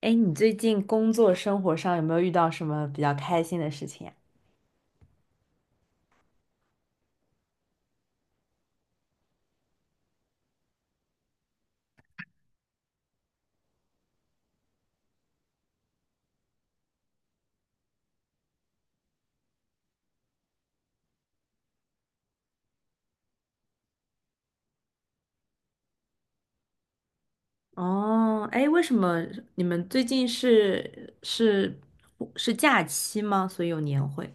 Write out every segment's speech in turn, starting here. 哎，你最近工作生活上有没有遇到什么比较开心的事情呀。哦，哎，为什么你们最近是假期吗？所以有年会。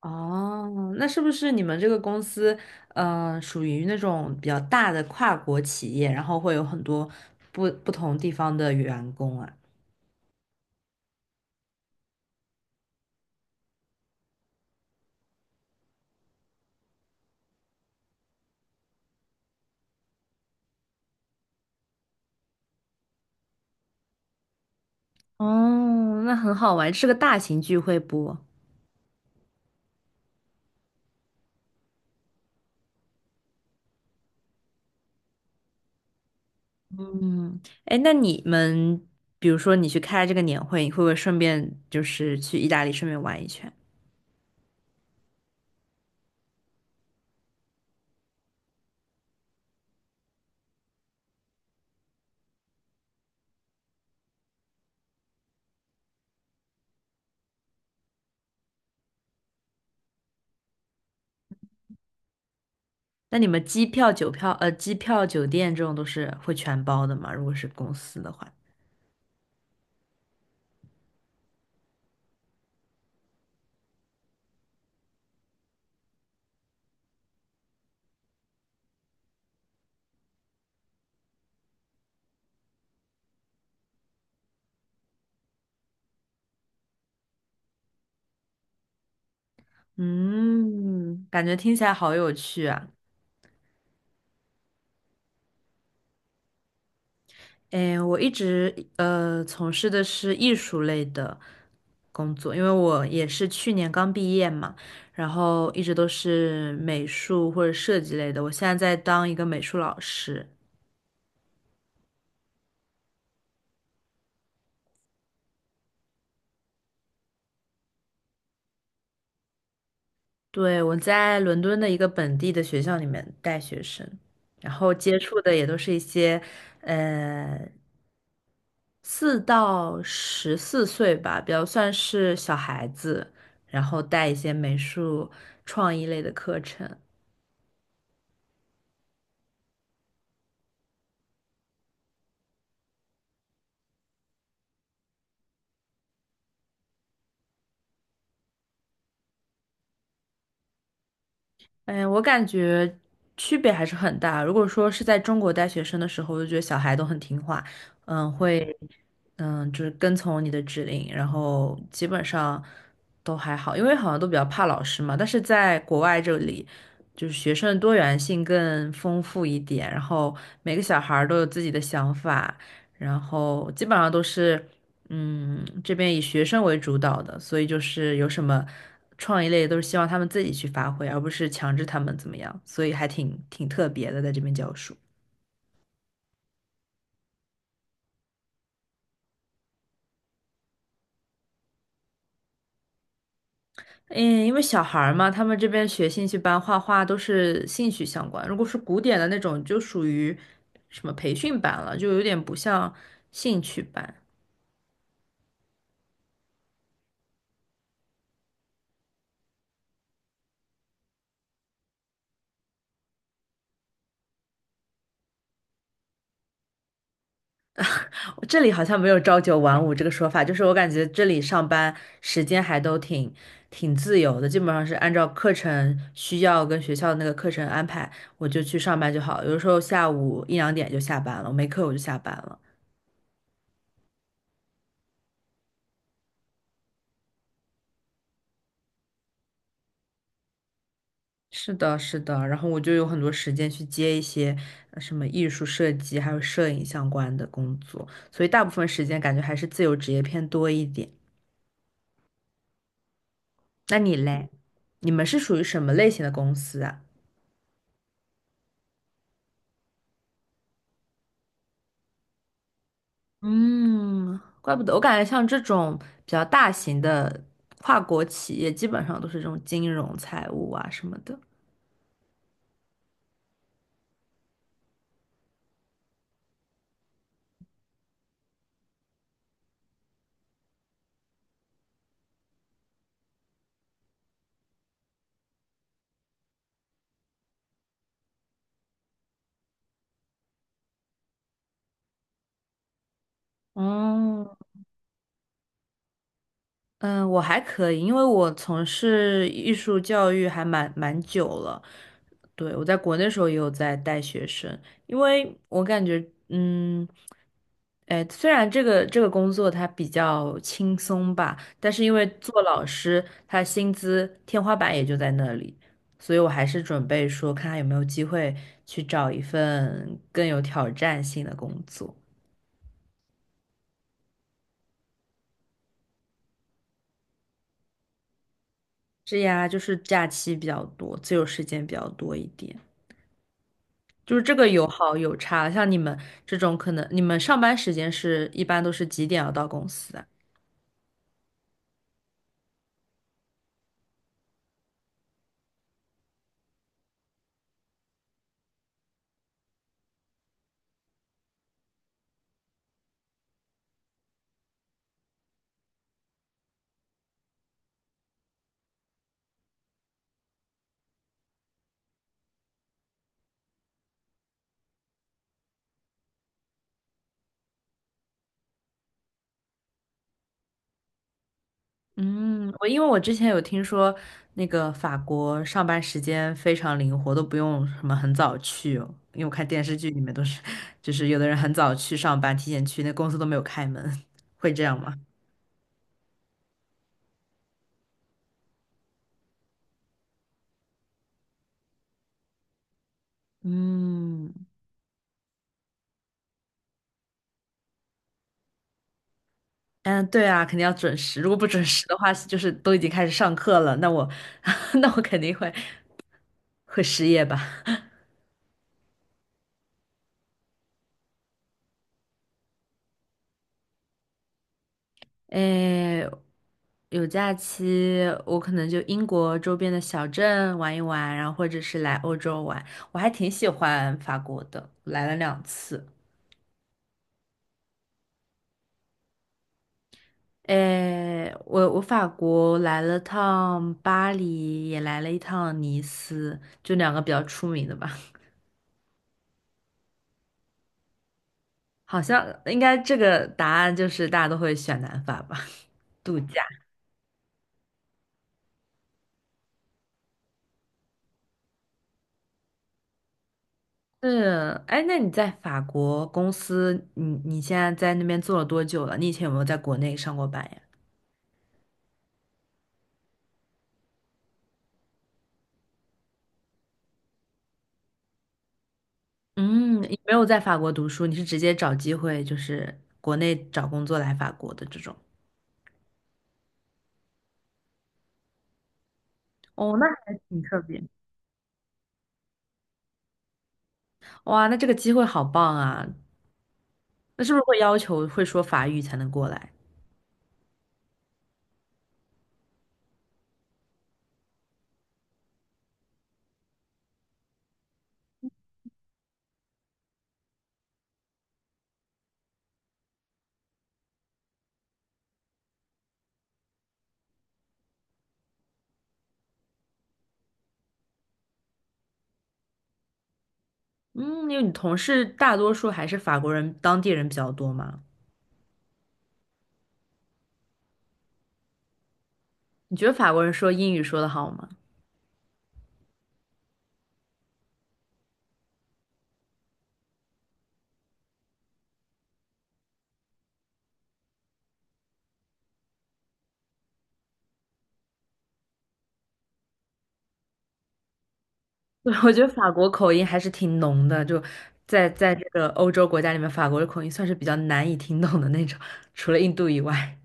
哦，那是不是你们这个公司，属于那种比较大的跨国企业，然后会有很多不同地方的员工啊？哦，那很好玩，是个大型聚会不？嗯，哎，那你们，比如说你去开这个年会，你会不会顺便就是去意大利顺便玩一圈？那你们机票、机票、酒店这种都是会全包的吗？如果是公司的话，嗯，感觉听起来好有趣啊。哎，我一直从事的是艺术类的工作，因为我也是去年刚毕业嘛，然后一直都是美术或者设计类的，我现在在当一个美术老师。对，我在伦敦的一个本地的学校里面带学生，然后接触的也都是一些，呃，4到14岁吧，比较算是小孩子，然后带一些美术创意类的课程。哎，我感觉区别还是很大。如果说是在中国带学生的时候，我就觉得小孩都很听话，嗯，会，嗯，就是跟从你的指令，然后基本上都还好，因为好像都比较怕老师嘛。但是在国外这里，就是学生的多元性更丰富一点，然后每个小孩儿都有自己的想法，然后基本上都是。嗯，这边以学生为主导的，所以就是有什么创意类都是希望他们自己去发挥，而不是强制他们怎么样，所以还挺特别的，在这边教书。嗯，因为小孩儿嘛，他们这边学兴趣班画画都是兴趣相关，如果是古典的那种，就属于什么培训班了，就有点不像兴趣班。我这里好像没有朝九晚五这个说法，就是我感觉这里上班时间还都挺自由的，基本上是按照课程需要跟学校的那个课程安排，我就去上班就好。有的时候下午一两点就下班了，我没课我就下班了。是的，是的，然后我就有很多时间去接一些什么艺术设计还有摄影相关的工作，所以大部分时间感觉还是自由职业偏多一点。那你嘞？你们是属于什么类型的公司啊？嗯，怪不得，我感觉像这种比较大型的跨国企业，基本上都是这种金融、财务啊什么的。嗯。嗯，我还可以，因为我从事艺术教育还蛮久了。对，我在国内时候也有在带学生，因为我感觉，嗯，哎，虽然这个工作它比较轻松吧，但是因为做老师，他薪资天花板也就在那里，所以我还是准备说，看看有没有机会去找一份更有挑战性的工作。是呀，就是假期比较多，自由时间比较多一点。就是这个有好有差，像你们这种可能，你们上班时间是一般都是几点要到公司啊？嗯，我因为我之前有听说那个法国上班时间非常灵活，都不用什么很早去哦，因为我看电视剧里面都是，就是有的人很早去上班，提前去，那公司都没有开门，会这样吗？嗯嗯，对啊，肯定要准时，如果不准时的话，就是都已经开始上课了，那我 那我肯定会失业吧。诶，有假期，我可能就英国周边的小镇玩一玩，然后或者是来欧洲玩。我还挺喜欢法国的，来了两次。诶，我法国来了趟巴黎，也来了一趟尼斯，就两个比较出名的吧。好像应该这个答案就是大家都会选南法吧，度假。是，哎，那你在法国公司，你现在在那边做了多久了？你以前有没有在国内上过班呀？嗯，你没有在法国读书，你是直接找机会，就是国内找工作来法国的这种。哦，那还挺特别。哇，那这个机会好棒啊！那是不是会要求会说法语才能过来？嗯，因为你同事大多数还是法国人，当地人比较多嘛。你觉得法国人说英语说得好吗？对，我觉得法国口音还是挺浓的，就在这个欧洲国家里面，法国的口音算是比较难以听懂的那种，除了印度以外。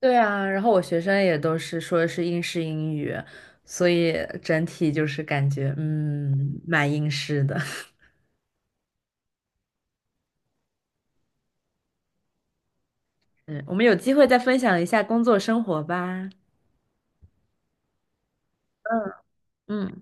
对啊，然后我学生也都是说的是英式英语，所以整体就是感觉嗯蛮英式的。嗯，我们有机会再分享一下工作生活吧。嗯。嗯。